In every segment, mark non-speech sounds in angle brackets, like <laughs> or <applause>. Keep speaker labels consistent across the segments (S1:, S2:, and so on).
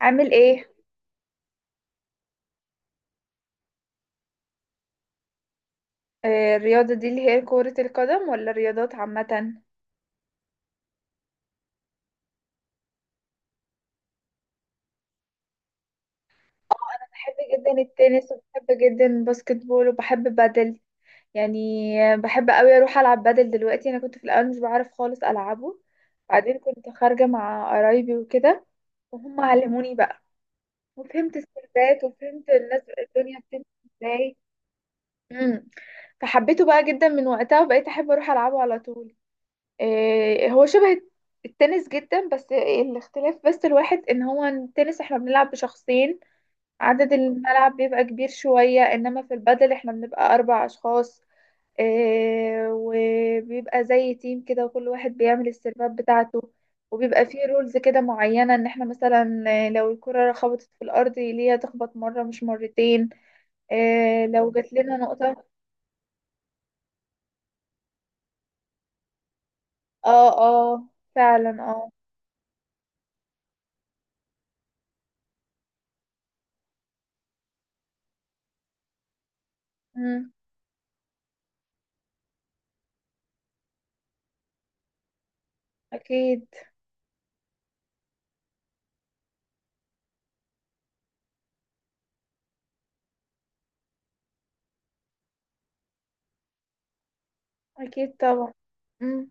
S1: عامل ايه؟ الرياضة دي اللي هي كرة القدم ولا الرياضات عامة؟ بحب جدا التنس وبحب جدا الباسكت بول وبحب بادل. يعني بحب قوي اروح العب بادل دلوقتي. انا كنت في الاول مش بعرف خالص العبه، بعدين كنت خارجة مع قرايبي وكده وهم علموني بقى، وفهمت السيرفات وفهمت الناس الدنيا بتمشي ازاي. امم فحبيته بقى جدا من وقتها وبقيت احب اروح العبه على طول. هو شبه التنس جدا، بس الاختلاف بس الواحد ان هو التنس احنا بنلعب بشخصين، عدد الملعب بيبقى كبير شوية، انما في البادل احنا بنبقى اربع اشخاص. وبيبقى زي تيم كده وكل واحد بيعمل السيرفات بتاعته، وبيبقى فيه رولز كده معينة، ان احنا مثلا لو الكرة خبطت في الارض ليها تخبط مرة مش مرتين. لو جات لنا نقطة. اه اه، فعلا اه. مم، اكيد. أكيد طبعا. مم.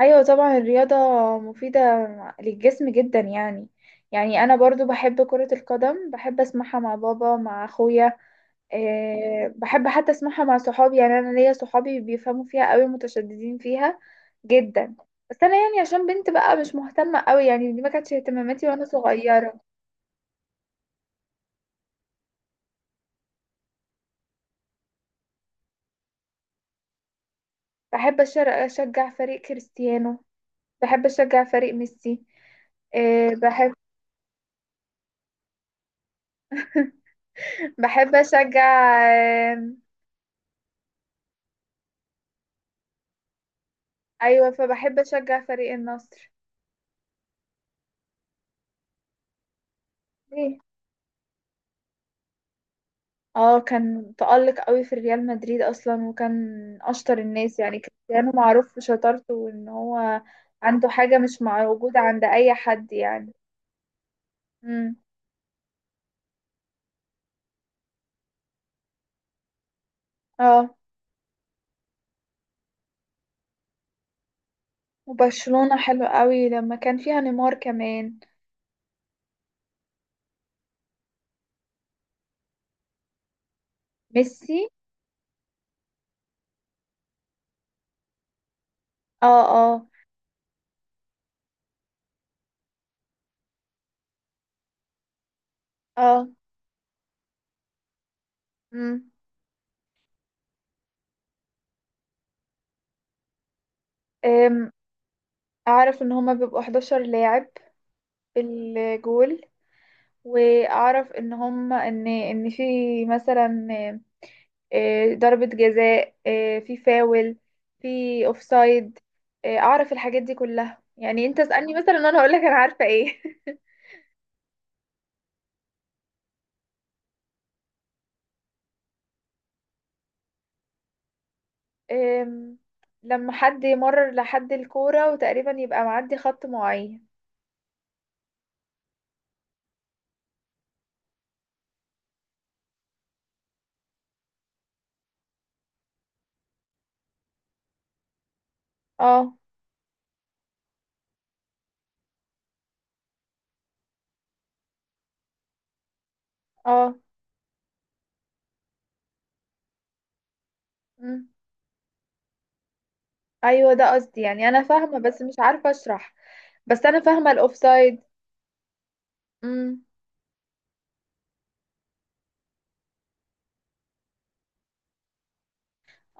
S1: أيوة طبعا، الرياضة مفيدة للجسم جدا يعني. يعني أنا برضو بحب كرة القدم، بحب أسمعها مع بابا مع أخويا. أه بحب حتى أسمعها مع صحابي، يعني أنا ليا صحابي بيفهموا فيها قوي، متشددين فيها جدا. بس أنا يعني عشان بنت بقى مش مهتمة قوي، يعني دي ما كانتش اهتماماتي وأنا صغيرة. بحب أشجع فريق كريستيانو، بحب أشجع فريق ميسي. أه بحب، بحب أشجع. ايوه، فبحب اشجع فريق النصر. ليه؟ اه، كان تألق قوي في ريال مدريد اصلا، وكان اشطر الناس يعني. كريستيانو معروف بشطارته، وان هو عنده حاجة مش موجودة عند اي حد يعني. امم. اه، وبرشلونة حلو قوي لما كان فيها نيمار كمان. ميسي. اه اه اه. امم. أم، اعرف ان هما بيبقوا 11 لاعب في الجول. واعرف ان هما ان ان في مثلا ضربة جزاء، في فاول، في اوفسايد. اعرف الحاجات دي كلها يعني. انت اسألني مثلا، انا هقولك انا عارفة ايه. <laughs> آم، لما حد يمرر لحد الكورة وتقريبا يبقى معدي خط معين. اه اه. مم. ايوه ده قصدي، يعني انا فاهمة بس مش عارفة اشرح. بس انا فاهمة الاوفسايد. امم.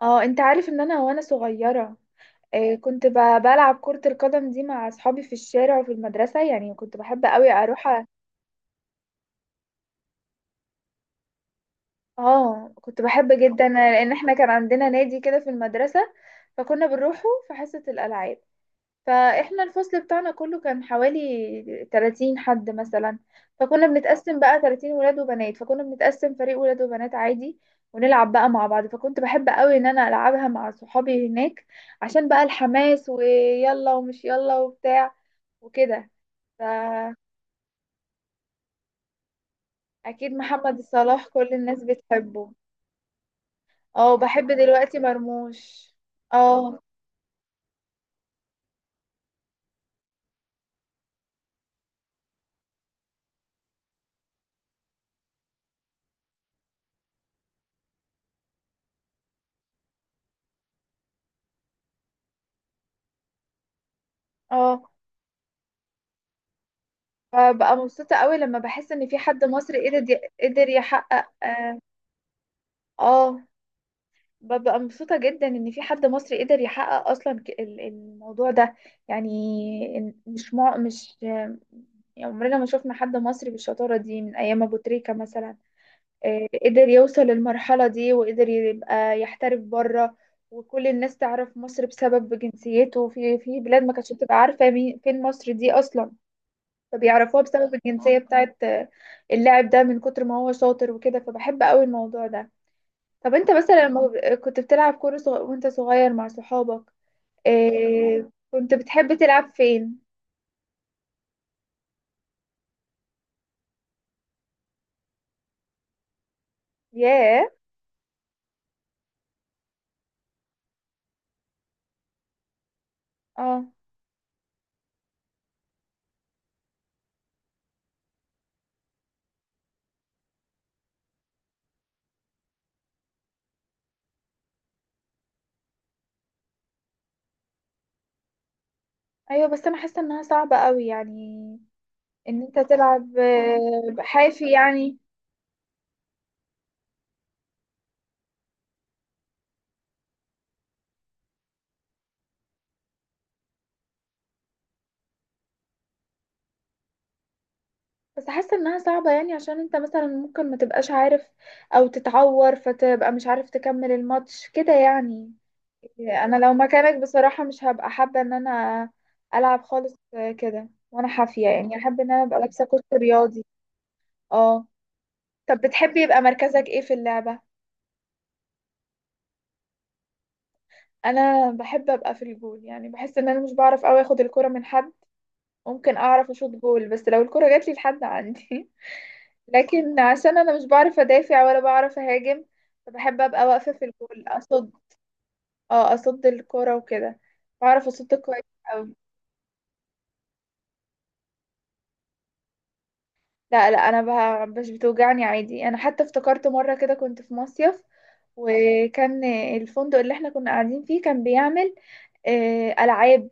S1: اه، انت عارف ان انا وانا صغيرة آه، كنت ب- بلعب كرة القدم دي مع اصحابي في الشارع وفي المدرسة، يعني كنت بحب قوي اروح. اه، كنت بحب جدا، لان احنا كان عندنا نادي كده في المدرسة، فكنا بنروحه في حصة الالعاب. فاحنا الفصل بتاعنا كله كان حوالي 30 حد مثلا، فكنا بنتقسم بقى 30 ولاد وبنات، فكنا بنتقسم فريق ولاد وبنات عادي، ونلعب بقى مع بعض. فكنت بحب قوي ان انا العبها مع صحابي هناك، عشان بقى الحماس ويلا ومش يلا وبتاع وكده. فاكيد محمد صلاح كل الناس بتحبه. اه بحب دلوقتي مرموش. اه. اه، ببقى مبسوطة قوي لما بحس ان في حد مصري قدر، قدر يحقق اه. آه، ببقى مبسوطة جدا ان في حد مصري قدر يحقق اصلا الموضوع ده يعني. مش مع مش يعني عمرنا ما شفنا حد مصري بالشطارة دي من ايام ابو تريكة مثلا. قدر يوصل للمرحلة دي، وقدر يبقى يحترف بره، وكل الناس تعرف مصر بسبب جنسيته. في في بلاد ما كانتش بتبقى عارفة مين فين مصر دي اصلا، فبيعرفوها بسبب الجنسية بتاعت اللاعب ده، من كتر ما هو شاطر وكده. فبحب قوي الموضوع ده. طب انت مثلا لما كنت بتلعب كورة صغ... وانت صغير مع صحابك، اه كنت بتحب تلعب فين؟ ياه. اه ايوه، بس انا حاسة انها صعبة قوي يعني، ان انت تلعب حافي يعني. بس حاسة انها صعبة يعني، عشان انت مثلا ممكن ما تبقاش عارف، او تتعور فتبقى مش عارف تكمل الماتش كده يعني. انا لو مكانك بصراحة مش هبقى حابة ان انا العب خالص كده وانا حافية، يعني احب ان انا ابقى لابسة كوست رياضي. اه. طب بتحبي يبقى مركزك ايه في اللعبة؟ انا بحب ابقى في الجول، يعني بحس ان انا مش بعرف اوي اخد الكرة من حد، ممكن اعرف اشوط جول بس لو الكرة جات لي لحد عندي. <laughs> لكن عشان انا مش بعرف ادافع ولا بعرف اهاجم، فبحب ابقى واقفة في الجول اصد. اه، اصد الكرة وكده، بعرف اصد كويس. أوي. لا لا، انا بها مش بتوجعني عادي. انا حتى افتكرت مره كده كنت في مصيف، وكان الفندق اللي احنا كنا قاعدين فيه كان بيعمل العاب.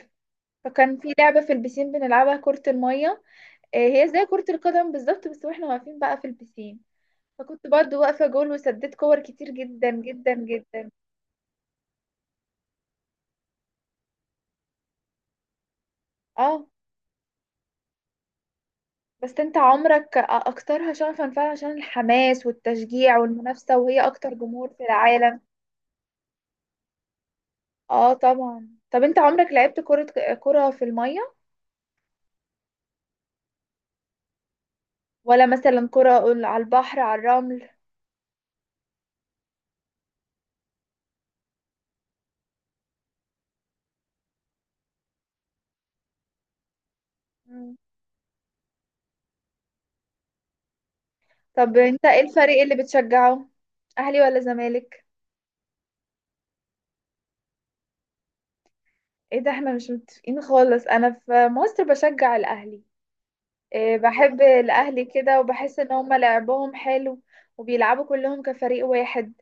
S1: فكان في لعبه في البسين بنلعبها كره الميه، هي زي كره القدم بالظبط بس واحنا واقفين بقى في البسين. فكنت برضو واقفه جول وسددت كور كتير جدا جدا جدا. اه. بس انت عمرك اكترها شغفا فعلا عشان الحماس والتشجيع والمنافسه، وهي اكتر جمهور في العالم. اه طبعا. طب انت عمرك لعبت كرة، كرة في المية؟ ولا مثلا كرة على البحر على الرمل؟ مم. طب انت ايه الفريق اللي بتشجعه؟ اهلي ولا زمالك؟ ايه ده، احنا مش متفقين خالص، انا في مصر بشجع الاهلي. إيه، بحب الاهلي كده، وبحس ان هم لعبهم حلو، وبيلعبوا كلهم كفريق واحد.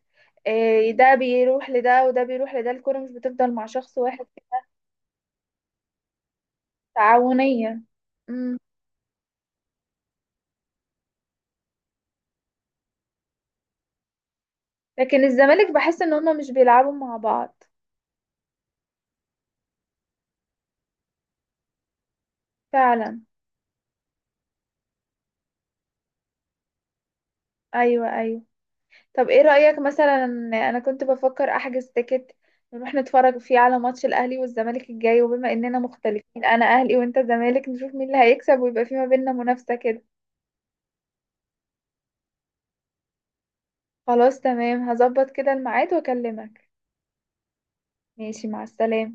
S1: إيه ده، بيروح لده وده بيروح لده، الكرة مش بتفضل مع شخص واحد. تعاونية. مم. لكن الزمالك بحس ان هم مش بيلعبوا مع بعض. فعلا. ايوه ايوه. طب ايه رأيك، مثلا انا كنت بفكر احجز تيكت نروح نتفرج فيه على ماتش الاهلي والزمالك الجاي، وبما اننا مختلفين انا اهلي وانت زمالك، نشوف مين اللي هيكسب ويبقى في ما بيننا منافسة كده. خلاص تمام، هظبط كده الميعاد واكلمك. ماشي، مع السلامة.